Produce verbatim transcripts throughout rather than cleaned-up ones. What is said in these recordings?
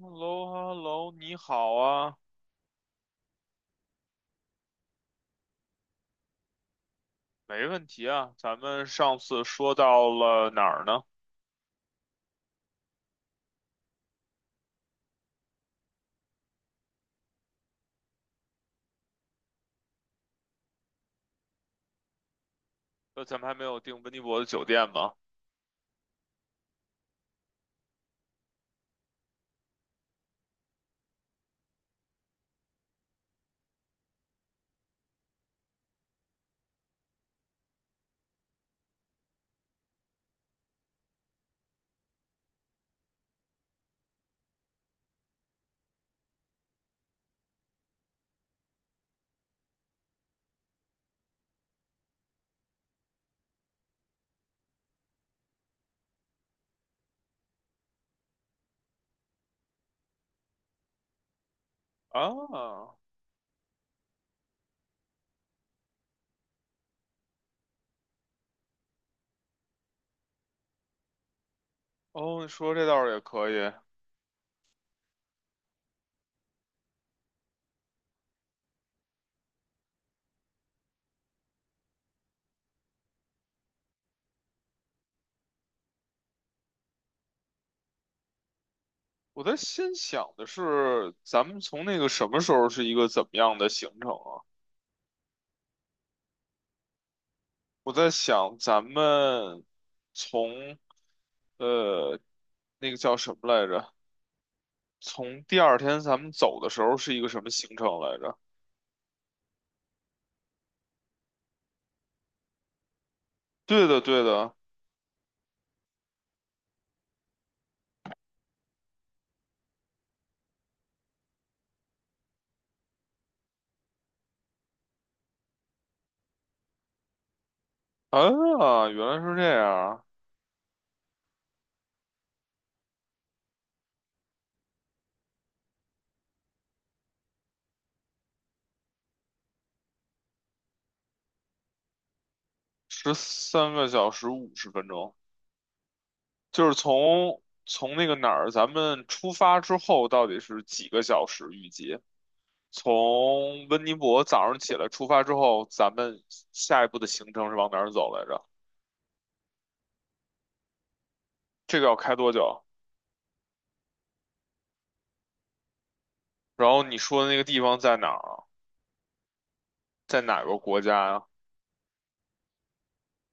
h e l l o h e l l o 你好啊。没问题啊。咱们上次说到了哪儿呢？呃，咱们还没有订温尼伯的酒店吗？啊，哦，你说这倒是也可以。我在心想的是，咱们从那个什么时候是一个怎么样的行程啊？我在想，咱们从呃那个叫什么来着？从第二天咱们走的时候是一个什么行程来着？对的，对的。啊，原来是这样。十三个小时五十分钟，就是从从那个哪儿，咱们出发之后到底是几个小时？预计从温尼伯早上起来出发之后，咱们下一步的行程是往哪儿走来着？这个要开多久？然后你说的那个地方在哪儿啊？在哪个国家呀、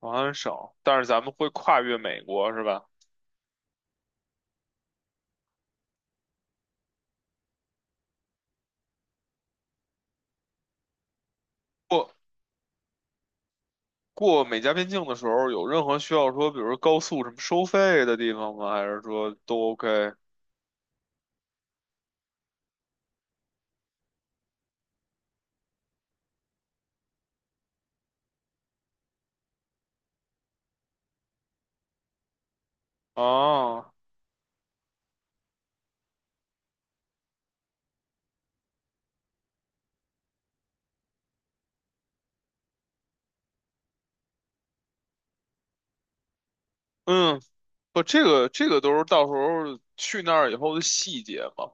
王安省，但是咱们会跨越美国是吧？过过美加边境的时候，有任何需要说，比如说高速什么收费的地方吗？还是说都 OK?啊？嗯，不，这个这个都是到时候去那儿以后的细节嘛，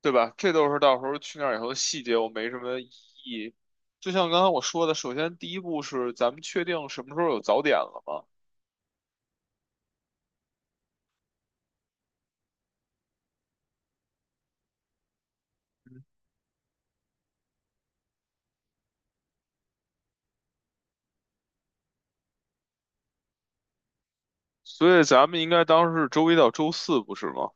对吧？这都是到时候去那儿以后的细节，我没什么异议。就像刚才我说的，首先第一步是咱们确定什么时候有早点了嘛，所以咱们应该当时是周一到周四，不是吗？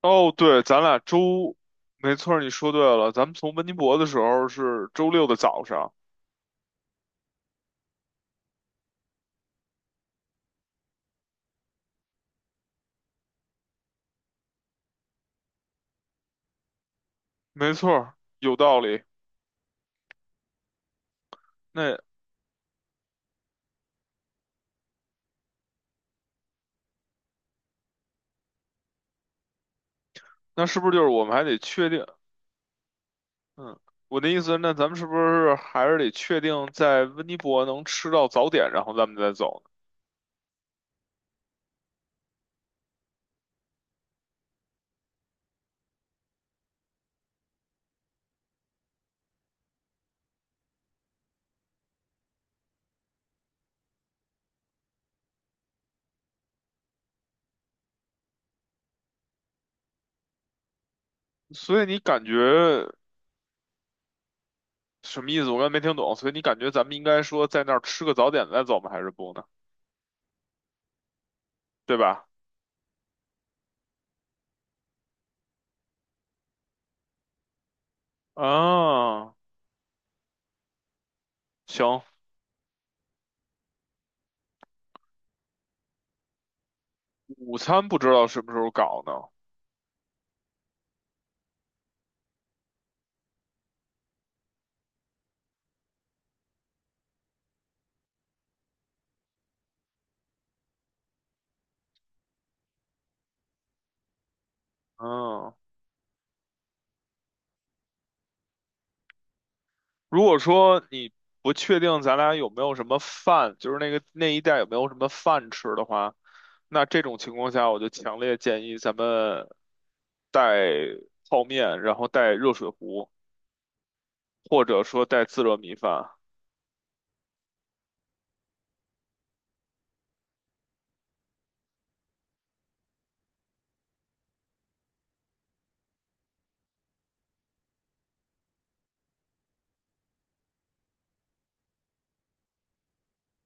哦，对，咱俩周，没错儿，你说对了，咱们从温尼伯的时候是周六的早上，没错儿，有道理。那那是不是就是我们还得确定？嗯，我的意思，那咱们是不是还是得确定在温尼伯能吃到早点，然后咱们再走呢？所以你感觉什么意思？我刚才没听懂。所以你感觉咱们应该说在那儿吃个早点再走吗？还是不呢？对吧？啊，行，午餐不知道什么时候搞呢。嗯，如果说你不确定咱俩有没有什么饭，就是那个那一带有没有什么饭吃的话，那这种情况下，我就强烈建议咱们带泡面，然后带热水壶，或者说带自热米饭。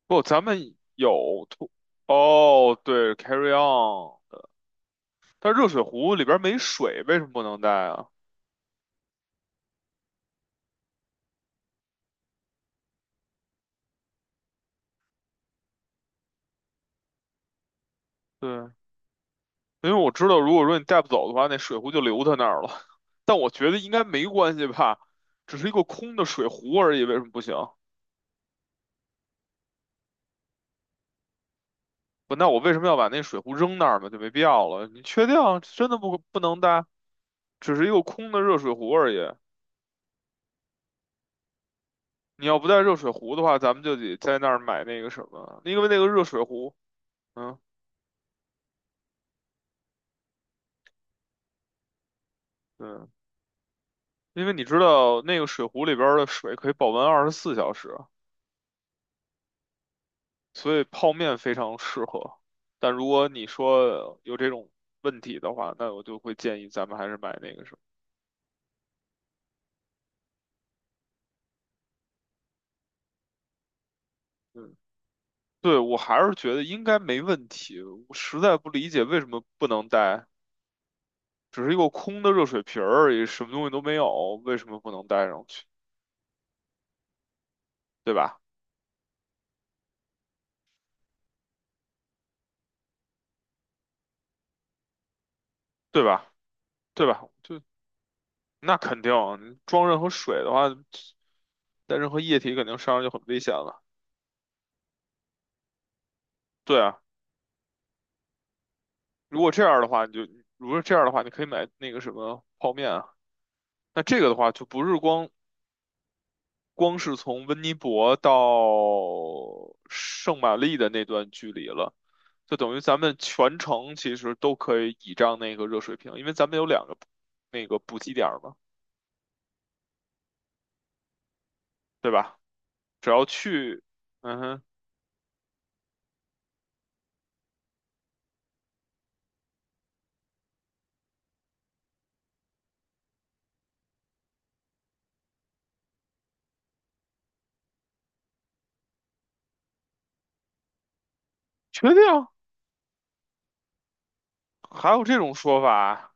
不，咱们有土，哦，对，carry on,但热水壶里边没水，为什么不能带啊？对，因为我知道，如果说你带不走的话，那水壶就留他那儿了。但我觉得应该没关系吧，只是一个空的水壶而已，为什么不行？不，那我为什么要把那水壶扔那儿嘛？就没必要了。你确定啊真的不不能带？只是一个空的热水壶而已。你要不带热水壶的话，咱们就得在那儿买那个什么，因为那个热水壶，嗯，对，因为你知道那个水壶里边儿的水可以保温二十四小时。所以泡面非常适合。但如果你说有这种问题的话，那我就会建议咱们还是买那个什么。嗯，对，我还是觉得应该没问题。我实在不理解为什么不能带，只是一个空的热水瓶儿而已，什么东西都没有，为什么不能带上去？对吧？对吧？对吧？就那肯定，你装任何水的话，带任何液体肯定身上就很危险了。对啊，如果这样的话，你就如果这样的话，你可以买那个什么泡面啊。那这个的话，就不是光光是从温尼伯到圣玛丽的那段距离了，就等于咱们全程其实都可以倚仗那个热水瓶，因为咱们有两个那个补给点儿嘛，对吧？只要去，嗯哼，确定还有这种说法，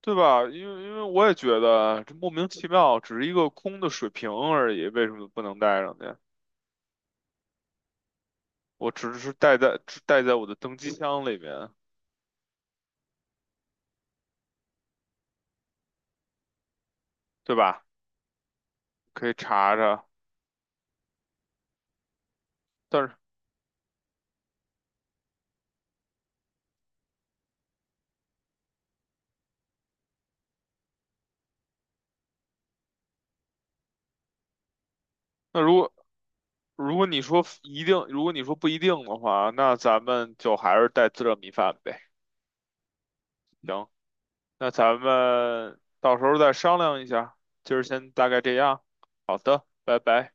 对吧？因为因为我也觉得这莫名其妙，只是一个空的水瓶而已，为什么不能带上去？我只是带在只带在我的登机箱里面，对吧？可以查查。但是那如果如果你说一定，如果你说不一定的话，那咱们就还是带自热米饭呗。行，那咱们到时候再商量一下。今儿先大概这样。好的，拜拜。